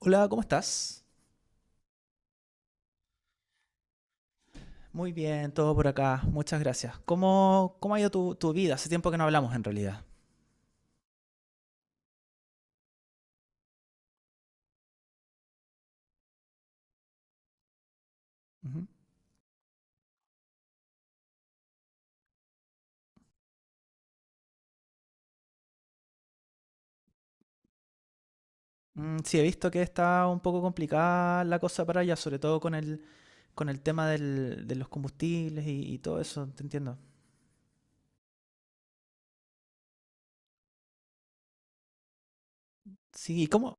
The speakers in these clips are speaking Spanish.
Hola, ¿cómo estás? Muy bien, todo por acá. Muchas gracias. ¿Cómo ha ido tu vida? Hace tiempo que no hablamos en realidad. Ujú. Sí, he visto que está un poco complicada la cosa para allá, sobre todo con el tema de los combustibles y todo eso, te entiendo. Sí, ¿y cómo?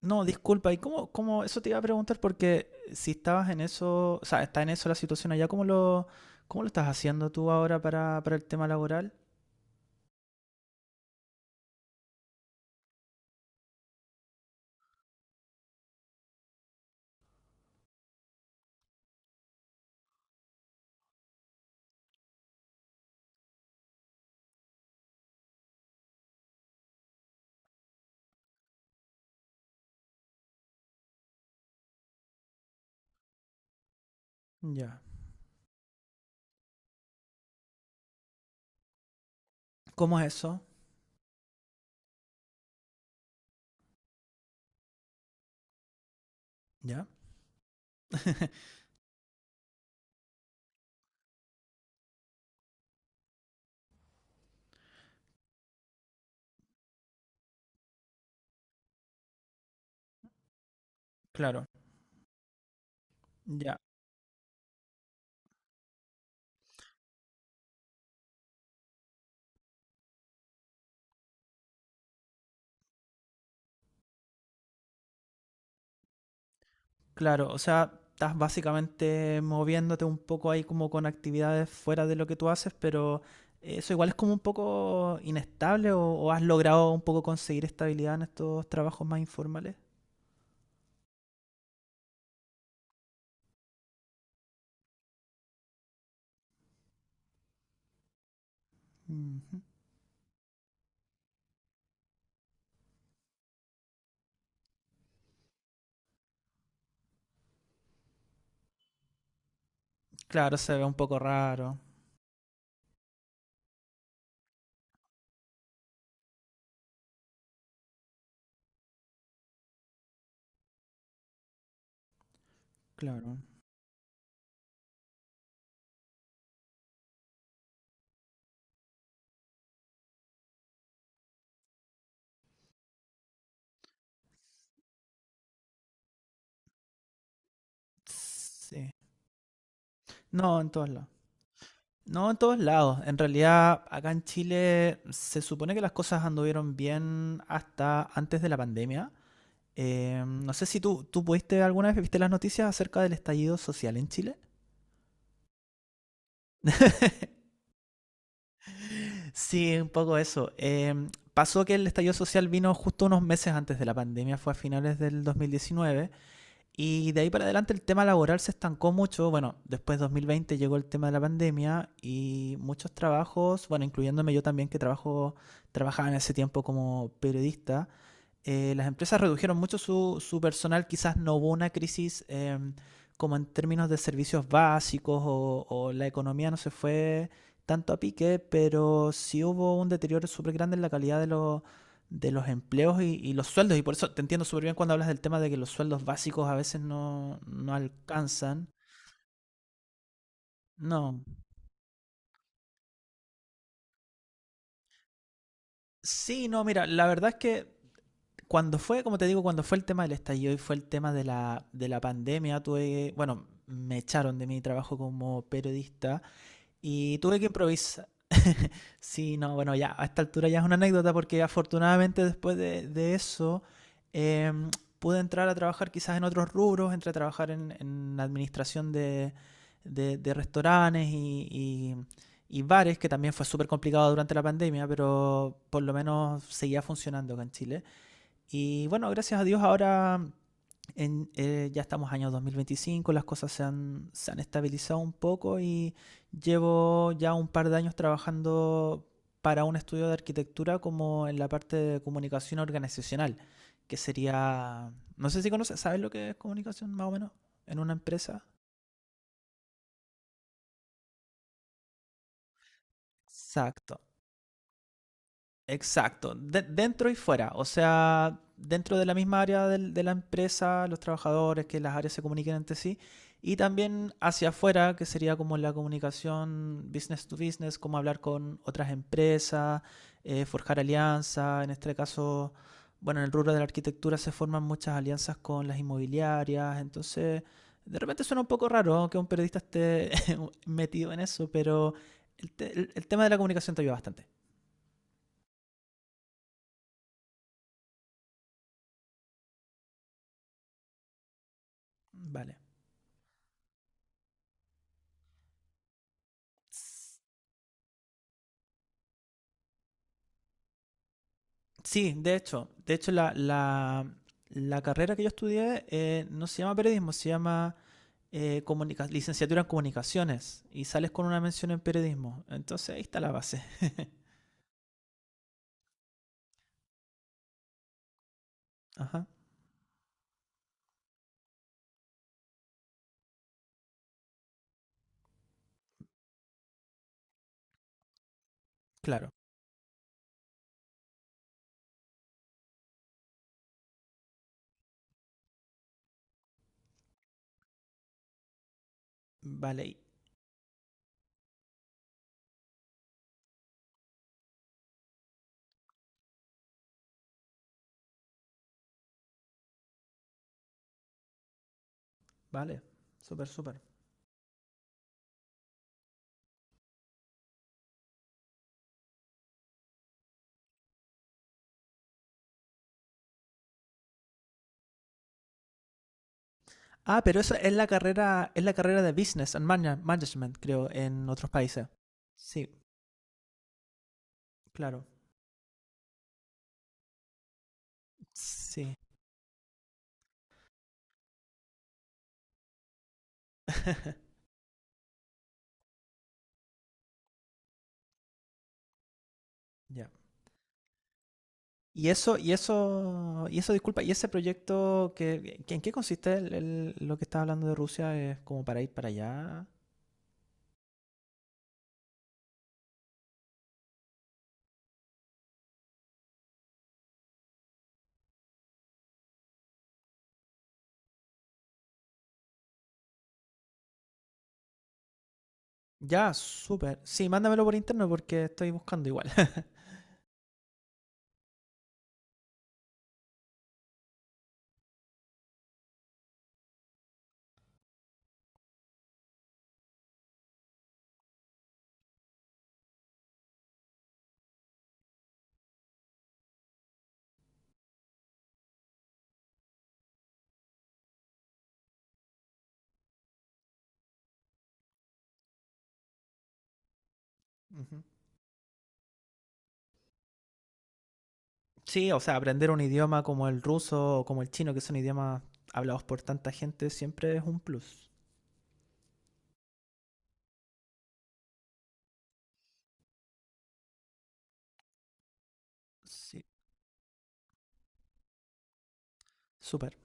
No, disculpa, ¿y cómo, cómo? Eso te iba a preguntar porque si estabas en eso, o sea, está en eso la situación allá, ¿cómo lo estás haciendo tú ahora para el tema laboral? Ya. ¿Cómo es eso? Ya. Claro. Ya. Claro, o sea, estás básicamente moviéndote un poco ahí como con actividades fuera de lo que tú haces, pero eso igual es como un poco inestable o has logrado un poco conseguir estabilidad en estos trabajos más informales. Ujú. Claro, se ve un poco raro, claro. Sí. No, en todos lados. No, en todos lados. En realidad, acá en Chile se supone que las cosas anduvieron bien hasta antes de la pandemia. No sé si tú pudiste alguna vez, viste las noticias acerca del estallido social en Chile. Sí, un poco eso. Pasó que el estallido social vino justo unos meses antes de la pandemia, fue a finales del 2019. Y de ahí para adelante el tema laboral se estancó mucho. Bueno, después de 2020 llegó el tema de la pandemia y muchos trabajos, bueno, incluyéndome yo también trabajaba en ese tiempo como periodista, las empresas redujeron mucho personal. Quizás no hubo una crisis como en términos de servicios básicos o la economía no se fue tanto a pique, pero sí hubo un deterioro súper grande en la calidad de los empleos y los sueldos. Y por eso te entiendo súper bien cuando hablas del tema de que los sueldos básicos a veces no alcanzan. No. Sí, no, mira, la verdad es que cuando fue, como te digo, cuando fue el tema del estallido y fue el tema de de la pandemia, tuve, bueno, me echaron de mi trabajo como periodista. Y tuve que improvisar. Sí, no, bueno, ya a esta altura ya es una anécdota porque afortunadamente después de eso em, pude entrar a trabajar quizás en otros rubros, entré a trabajar en administración de restaurantes y bares, que también fue súper complicado durante la pandemia, pero por lo menos seguía funcionando acá en Chile. Y bueno, gracias a Dios ahora ya estamos año 2025, las cosas se han estabilizado un poco y llevo ya un par de años trabajando para un estudio de arquitectura como en la parte de comunicación organizacional, que sería, no sé si conoces, ¿sabes lo que es comunicación más o menos en una empresa? Exacto. Exacto, dentro y fuera, o sea, dentro de la misma área de la empresa, los trabajadores, que las áreas se comuniquen entre sí, y también hacia afuera, que sería como la comunicación business to business, como hablar con otras empresas, forjar alianzas, en este caso, bueno, en el rubro de la arquitectura se forman muchas alianzas con las inmobiliarias, entonces, de repente suena un poco raro que un periodista esté metido en eso, pero el tema de la comunicación te ayuda bastante. Vale. Sí, de hecho la carrera que yo estudié no se llama periodismo, se llama licenciatura en comunicaciones y sales con una mención en periodismo. Entonces ahí está la base. Ajá, claro. Vale, y- vale. Súper, súper. Ah, pero eso es la carrera de Management, creo, en otros países. Sí, claro. Sí. Ya. Y eso, disculpa, y ese proyecto, ¿en qué consiste lo que estás hablando de Rusia? ¿Es como para ir para allá? Ya, súper. Sí, mándamelo por interno porque estoy buscando igual. Ujú. Sí, o sea, aprender un idioma como el ruso o como el chino, que son idiomas hablados por tanta gente, siempre es un plus. Sí, súper.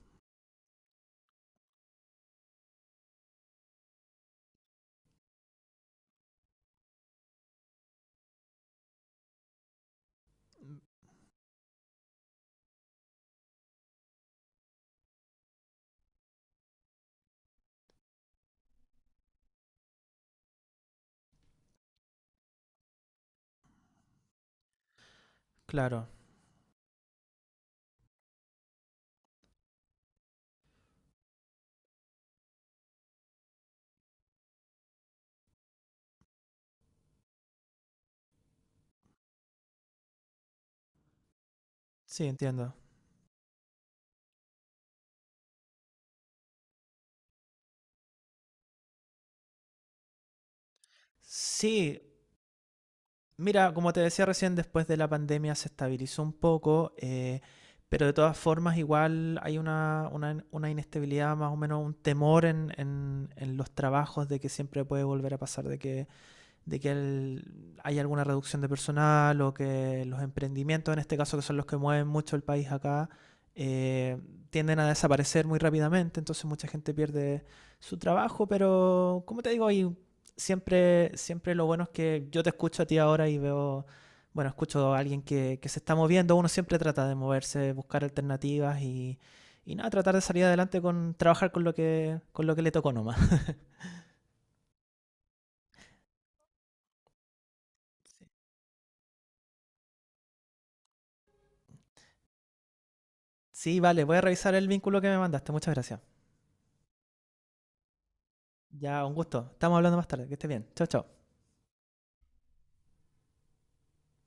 Mm, Claro, sí, entiendo. Sí, mira, como te decía recién, después de la pandemia se estabilizó un poco, pero de todas formas igual hay una inestabilidad, más o menos un temor en los trabajos de que siempre puede volver a pasar de que hay alguna reducción de personal o que los emprendimientos, en este caso que son los que mueven mucho el país acá, eh, tienden a desaparecer muy rápidamente, entonces mucha gente pierde su trabajo, pero como te digo, y siempre lo bueno es que yo te escucho a ti ahora y veo, bueno, escucho a alguien que se está moviendo, uno siempre trata de moverse, buscar alternativas y nada, tratar de salir adelante con trabajar con lo que le tocó nomás. Sí, vale, voy a revisar el vínculo que me mandaste, muchas gracias. Ya, un gusto. Estamos hablando más tarde. Que estés bien. Chao, chao.